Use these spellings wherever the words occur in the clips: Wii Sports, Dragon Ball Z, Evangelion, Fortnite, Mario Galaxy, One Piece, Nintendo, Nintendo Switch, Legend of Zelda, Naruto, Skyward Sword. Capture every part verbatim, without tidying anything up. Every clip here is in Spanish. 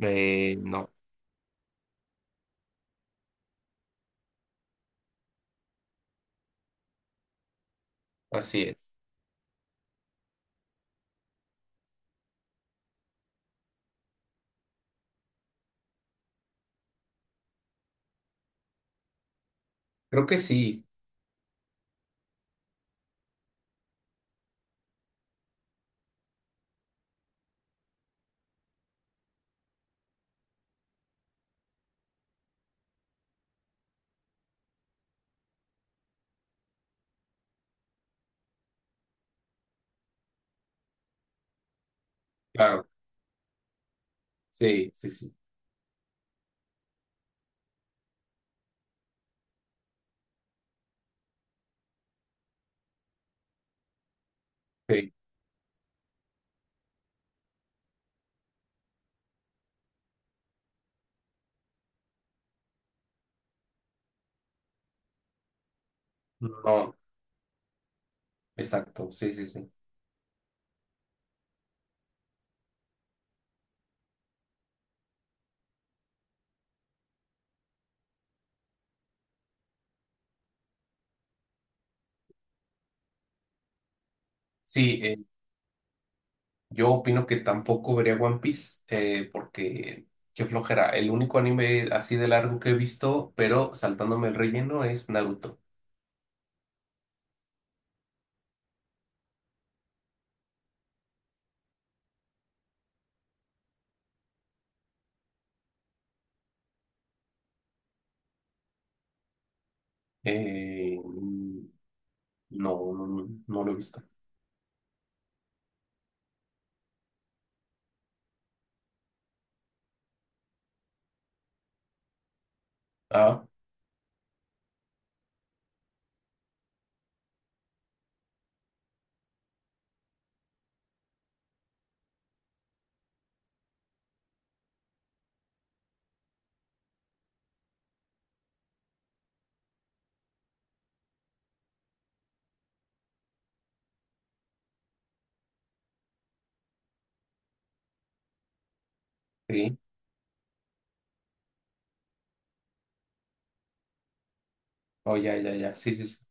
Eh, no, así es. Creo que sí, claro. Sí, sí, sí. Sí. No, exacto. Sí, sí, sí. Sí, eh, yo opino que tampoco vería One Piece eh, porque qué flojera. El único anime así de largo que he visto, pero saltándome el relleno, es Naruto. Eh, no, no, no no lo he visto. Ah, sí. Oh, ya, ya, ya. Sí, sí, sí.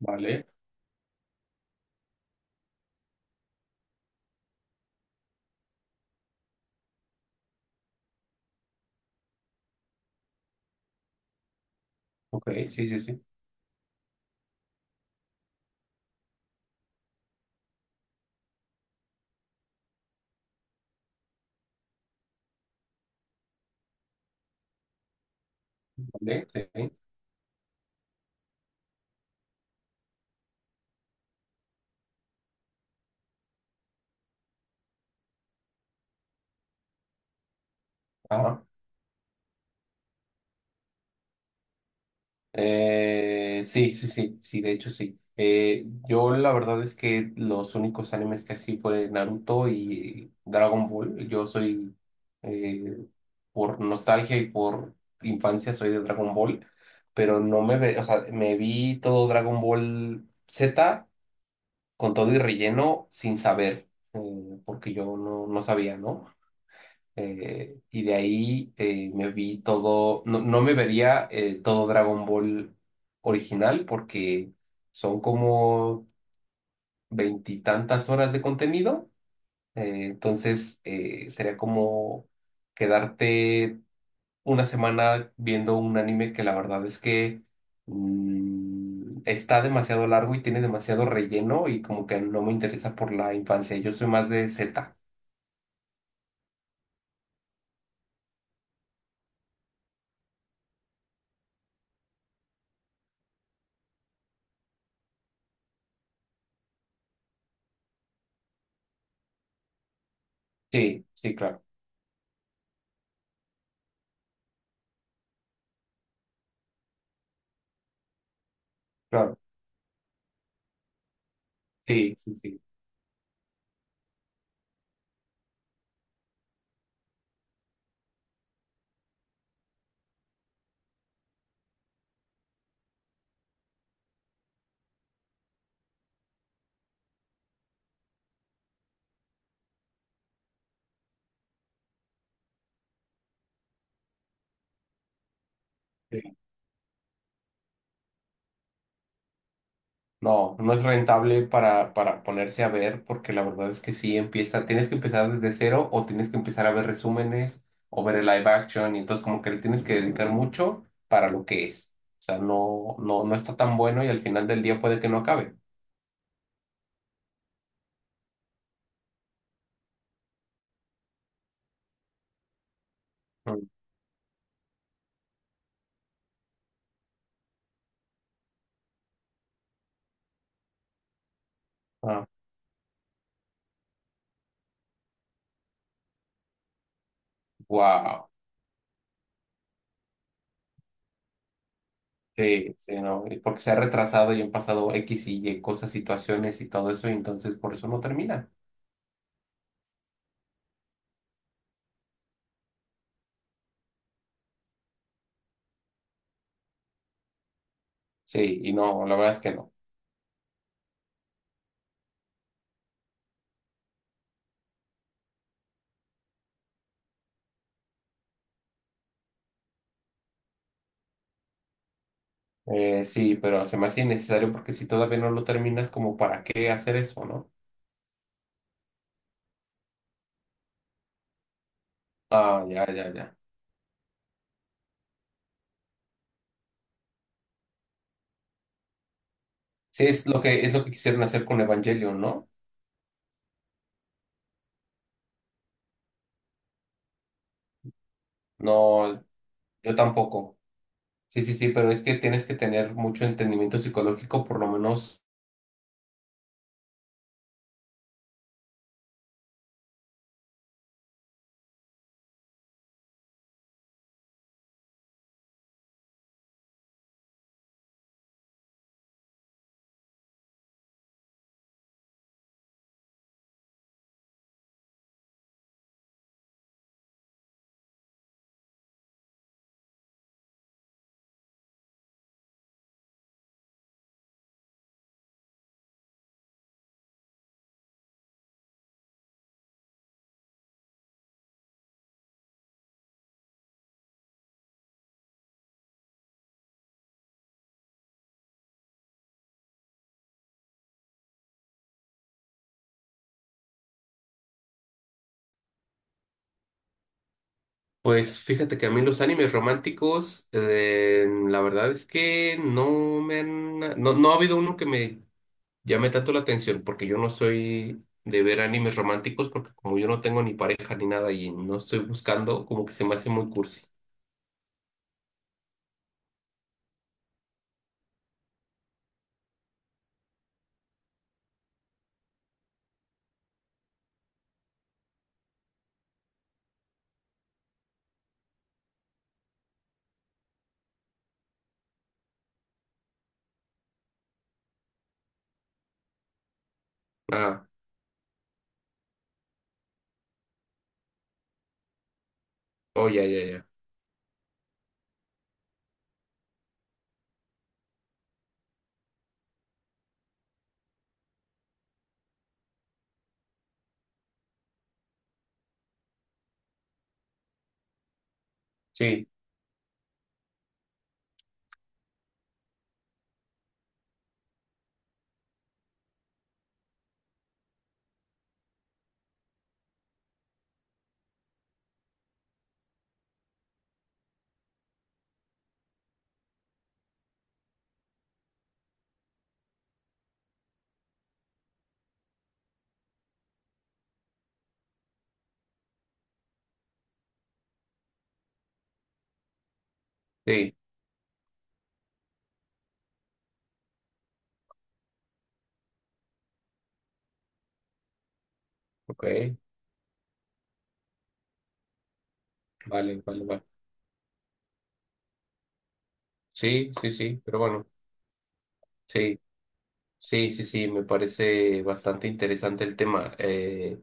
Vale. Ok, sí, sí, sí. Vale, sí. Ah. Eh, sí, sí, sí, sí, de hecho sí. Eh, yo la verdad es que los únicos animes que así fue Naruto y Dragon Ball. Yo soy, eh, por nostalgia y por infancia, soy de Dragon Ball, pero no me ve, o sea, me vi todo Dragon Ball Z con todo y relleno sin saber, eh, porque yo no, no sabía, ¿no? Eh, y de ahí eh, me vi todo, no, no me vería eh, todo Dragon Ball original porque son como veintitantas horas de contenido. Eh, entonces eh, sería como quedarte una semana viendo un anime que la verdad es que mm, está demasiado largo y tiene demasiado relleno y como que no me interesa por la infancia. Yo soy más de Z. Sí, sí, claro, claro. Sí, sí, sí. No, no es rentable para, para ponerse a ver, porque la verdad es que sí empieza, tienes que empezar desde cero o tienes que empezar a ver resúmenes o ver el live action, y entonces como que le tienes que dedicar mucho para lo que es. O sea, no, no, no está tan bueno y al final del día puede que no acabe. Mm. Ah, wow. Sí, sí, no, y porque se ha retrasado y han pasado X y Y cosas, situaciones y todo eso, y entonces por eso no termina. Sí, y no, la verdad es que no. Eh, sí, pero se me hace innecesario porque si todavía no lo terminas, como para qué hacer eso, ¿no? Ah, ya, ya, ya. Sí, es lo que es lo que quisieron hacer con Evangelion, ¿no? No, yo tampoco. Sí, sí, sí, pero es que tienes que tener mucho entendimiento psicológico, por lo menos. Pues fíjate que a mí los animes románticos, eh, la verdad es que no me han, no, no ha habido uno que me llame tanto la atención porque yo no soy de ver animes románticos porque como yo no tengo ni pareja ni nada y no estoy buscando, como que se me hace muy cursi. Ah, oh, ya, ya, ya. Sí, sí, ok, vale, vale, vale. Sí, sí, sí, pero bueno, sí, sí, sí, sí, me parece bastante interesante el tema. eh,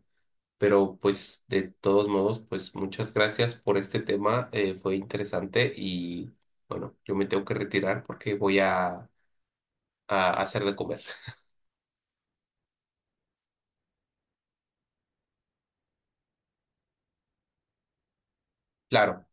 Pero pues de todos modos, pues muchas gracias por este tema, eh, fue interesante y bueno, yo me tengo que retirar porque voy a, a hacer de comer. Claro.